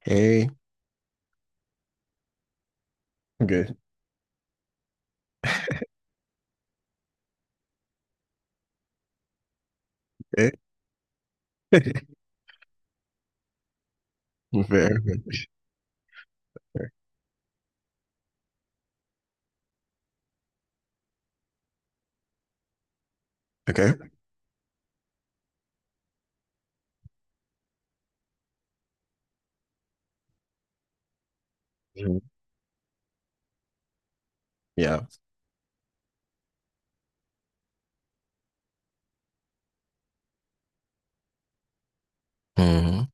Hey, good. Hey. Fair, fair. Okay. Mhm. Yeah. Hmm.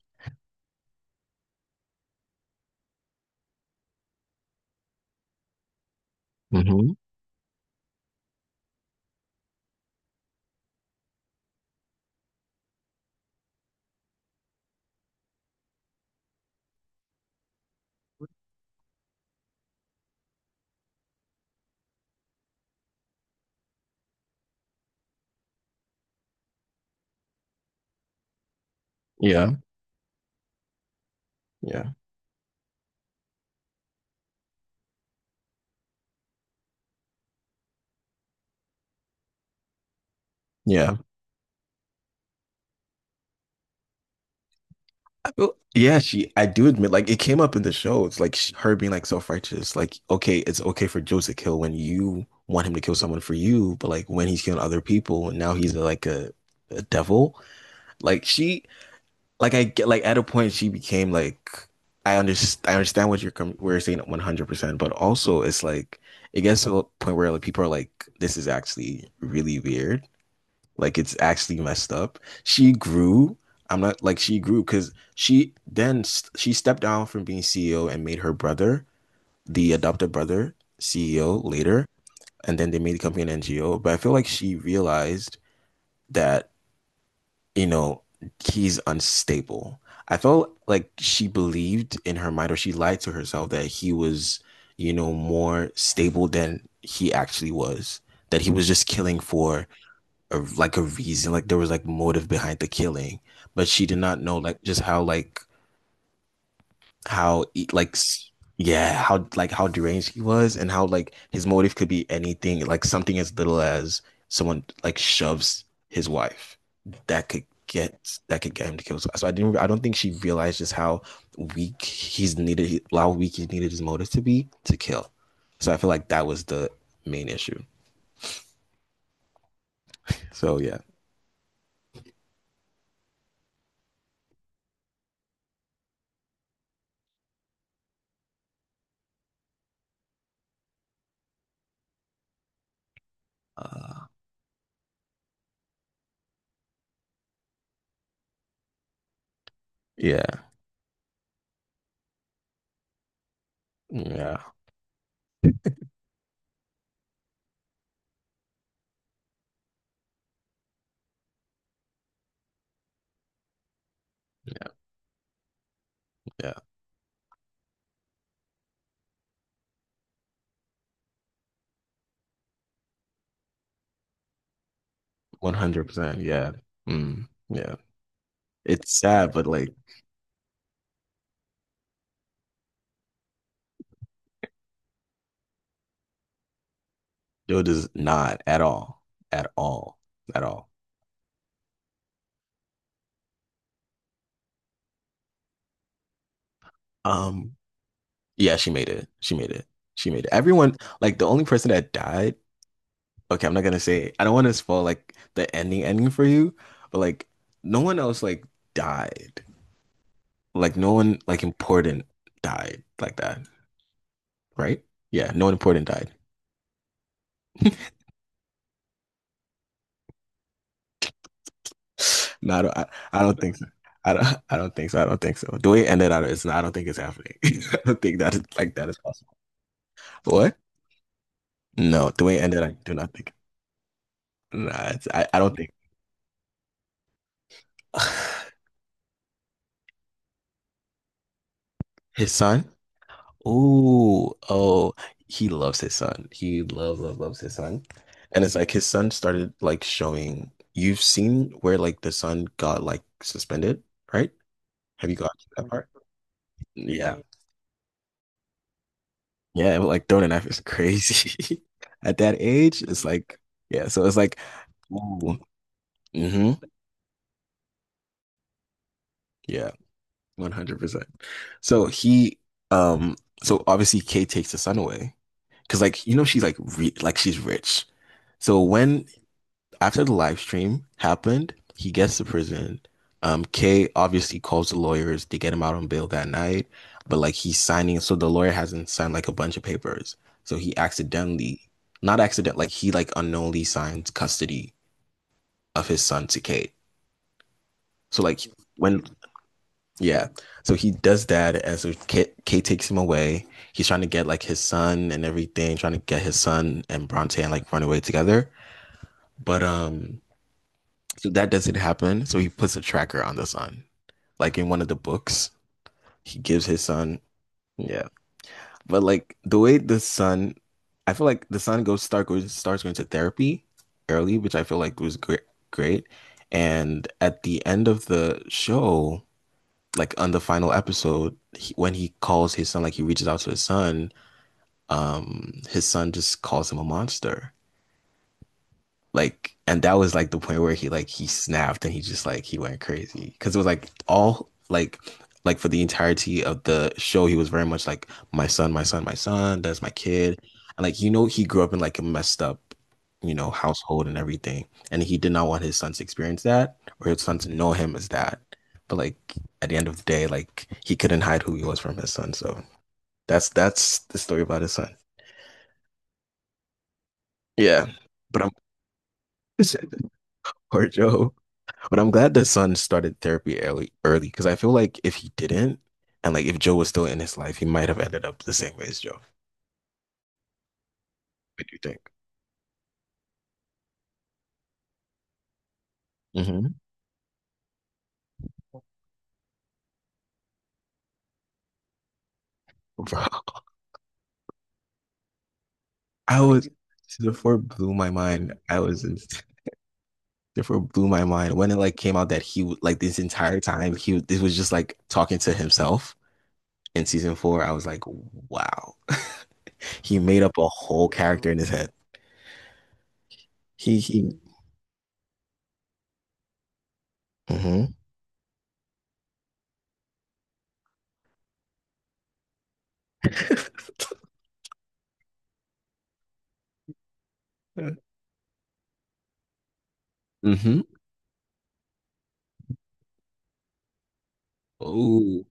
Hmm. Yeah. Yeah. Yeah. Yeah, I do admit, like, it came up in the show. It's like her being like self-righteous. Like, okay, it's okay for Joe to kill when you want him to kill someone for you, but like when he's killing other people and now he's like a devil. Like, she, like I get like at a point she became like I understand what where you're saying 100%, but also it's like it gets to a point where like people are like this is actually really weird. Like it's actually messed up. She grew. I'm not like she grew cuz she she stepped down from being CEO and made her brother, the adopted brother, CEO later, and then they made the company an NGO. But I feel like she realized that, you know, he's unstable. I felt like she believed in her mind, or she lied to herself that he was, you know, more stable than he actually was. That he was just killing for like a reason, like there was like motive behind the killing, but she did not know like just how how e- like yeah, how like how deranged he was, and how like his motive could be anything, like something as little as someone shoves his wife, that could get him to kill. So I didn't I don't think she realized just how weak he's needed how weak he needed his motive to be to kill. So I feel like that was the main issue, so yeah. uh yeah, yeah, yeah, 100%, yeah. Yeah, it's sad but like dude does not at all, at all, at all. Um, yeah, she made it. She made it. She made it. Everyone, like the only person that died. Okay, I'm not gonna say. I don't want to spoil like the ending ending for you, but like no one else like died. Like no one like important died like that, right? Yeah, no one important died. No, I don't, I, I don't think so. I don't, I don't think so. I don't think so. The way it ended, I don't think it's happening. I don't think that is like that is possible. But what? No, the way it ended, I do not think. Nah, it's, I don't think His son. Ooh, oh, he loves his son. He loves his son. And it's like his son started like showing. You've seen where like the son got like suspended, right? Have you got that part? Yeah. Yeah, but like throwing a knife is crazy. At that age, it's like, yeah, so it's like, ooh. Hmm, yeah, 100%. So he um so obviously Kay takes the son away because, like, you know, she's like re like she's rich. So when after the live stream happened, he gets to prison. Kay obviously calls the lawyers to get him out on bail that night, but like he's signing, so the lawyer hasn't signed like a bunch of papers. So he accidentally, not accident, like he like unknowingly signed custody of his son to Kate. So like when yeah, so he does that, and so Kate takes him away. He's trying to get like his son and everything, trying to get his son and Bronte and like run away together. But So that doesn't happen. So he puts a tracker on the son. Like in one of the books, he gives his son. Yeah. But like the way the son, I feel like the son goes start goes starts going to therapy early, which I feel like was great. And at the end of the show, like on the final episode, when he calls his son, like he reaches out to his son just calls him a monster. Like, and that was like the point where he snapped, and he just like he went crazy because it was like all like for the entirety of the show, he was very much like, my son, my son, my son. That's my kid, and like, you know, he grew up in like a messed up, you know, household and everything, and he did not want his son to experience that, or his son to know him as that. But like at the end of the day, like he couldn't hide who he was from his son. So that's the story about his son. Yeah, but I'm poor Joe. But I'm glad the son started therapy early, because I feel like if he didn't, and like if Joe was still in his life, he might have ended up the same way as Joe. What do you think? Hmm. Bro, I was therefore blew my mind. I was in, therefore blew my mind when it like came out that he would like this entire time this was just like talking to himself in season 4. I was like, wow. He made up a whole character in his head. He he. Mm-hmm. Mm-hmm.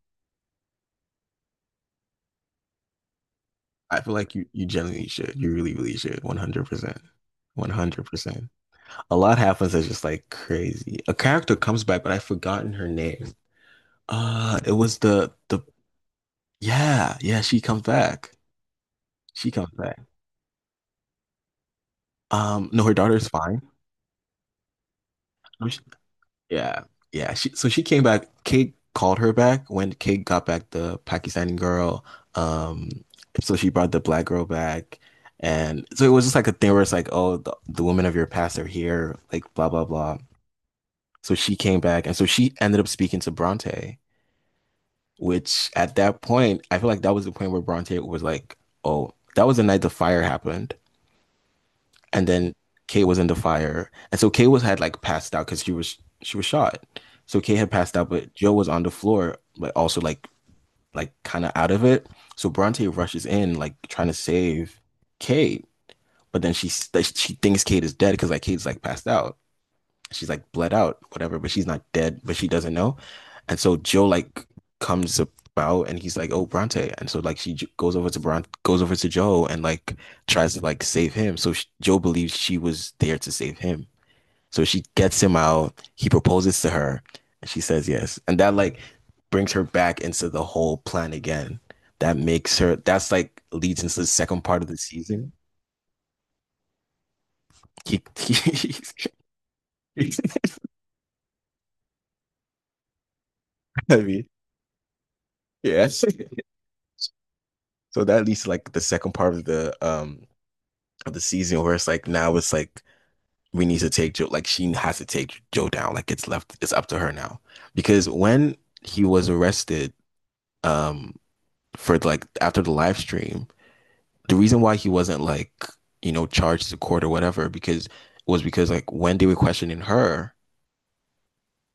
I feel like you genuinely should. You really, really should. 100%. 100%. A lot happens that's just like crazy. A character comes back, but I've forgotten her name. It was the yeah, yeah, she comes back. She comes back. No, her daughter's fine. Um, she- yeah. Yeah, she so she came back. Kate called her back when Kate got back the Pakistani girl. Um, so she brought the black girl back. And so it was just like a thing where it's like, oh, the women of your past are here, like blah blah blah. So she came back, and so she ended up speaking to Bronte, which at that point, I feel like that was the point where Bronte was like, "Oh, that was the night the fire happened," and then Kate was in the fire, and so Kate was had like passed out because she was shot, so Kate had passed out, but Joe was on the floor, but also like kind of out of it. So Bronte rushes in, like trying to save Kate, but then she thinks Kate is dead because like Kate's like passed out. She's like bled out, whatever, but she's not dead, but she doesn't know. And so Joe like comes about, and he's like, "Oh, Bronte." And so like goes over to Bron goes over to Joe and like tries to like save him. So sh Joe believes she was there to save him. So she gets him out. He proposes to her, and she says yes. And that like brings her back into the whole plan again. That makes her. That's like leads into the second part of the season. He, he, I mean, yes. So that leads to like the second part of the season where it's like now it's like we need to take Joe, like she has to take Joe down. Like it's up to her now. Because when he was arrested um for like after the live stream, the reason why he wasn't, like, you know, charged to court or whatever, because was because like when they were questioning her,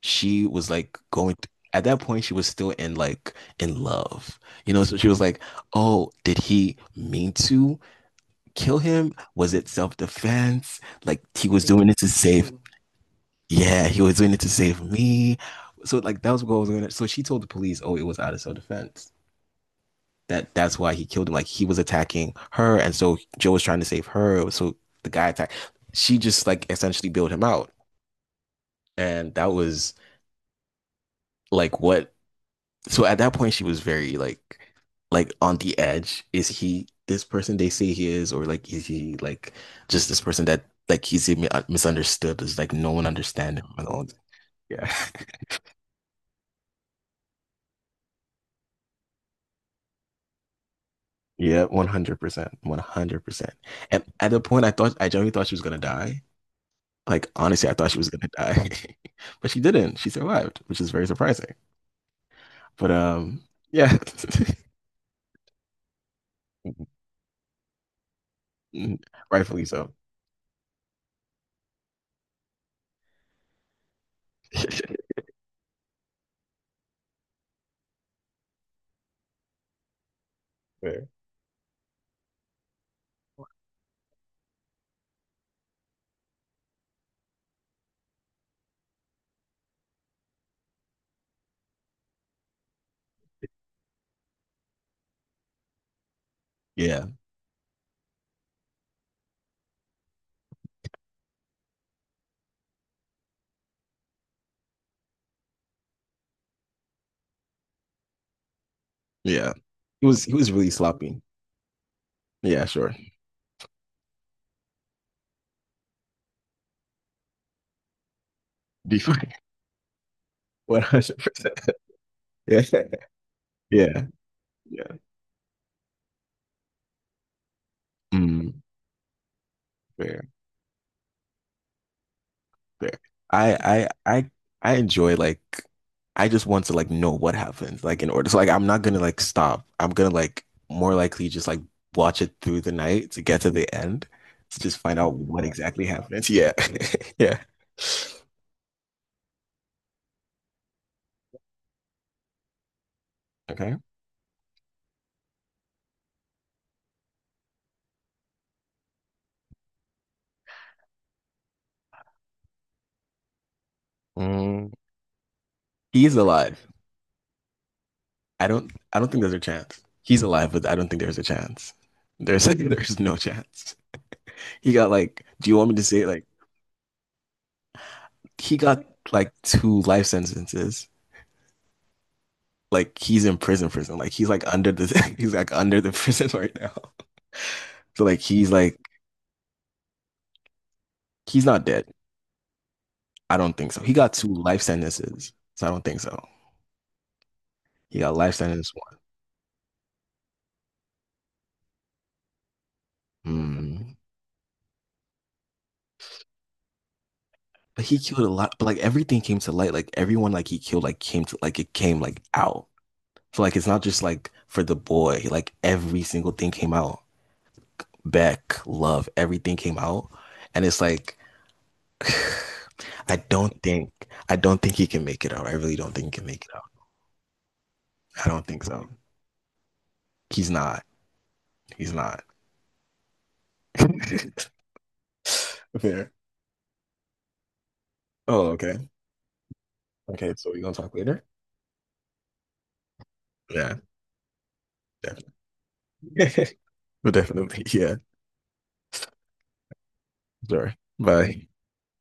she was like at that point she was still in like in love. You know, so she was like, oh, did he mean to kill him? Was it self-defense? Like he was doing it to save. Yeah, he was doing it to save me. So like that was what was going on. So she told the police, oh, it was out of self-defense. That's why he killed him. Like he was attacking her, and so Joe was trying to save her. So the guy attacked. She just like essentially bailed him out, and that was like what. So at that point, she was very like on the edge. Is he this person they say he is, or like is he like just this person that like misunderstood? Is like no one understand him and all that. Yeah, yeah, 100%, 100%. And at the point, I genuinely thought she was gonna die. Like honestly, I thought she was gonna die, but she didn't. She survived, which is very surprising. But yeah, rightfully so. Fair. Yeah, yeah. He was really sloppy. Yeah, sure. Before, 100%. Yeah, yeah, yeah. Mm, fair, fair. I, I, I, I enjoy like. I just want to like know what happens, like in order. So like, I'm not gonna like stop. I'm gonna like more likely just like watch it through the night to get to the end to just find out what exactly happens. Yeah, yeah. Okay. Mm. He's alive. I don't think there's a chance. He's alive, but I don't think there's a chance. There's there's no chance. He got like, do you want me to say it? Like, he got like 2 life sentences. Like he's in prison, prison. Like he's like under the he's like under the prison right now. So like he's not dead. I don't think so. He got 2 life sentences. So I don't think so. He got life sentence one. Mm. But he killed a lot. But like everything came to light. Like everyone like he killed like came to like it came like out. So like it's not just like for the boy. Like every single thing came out. Beck, love, everything came out. And it's like I don't think I don't think he can make it out. I really don't think he can make it out. I don't think so. He's not. He's not. Fair. Oh, okay. Okay, so we're gonna talk later? Yeah, definitely. But definitely, yeah. Sorry. Bye.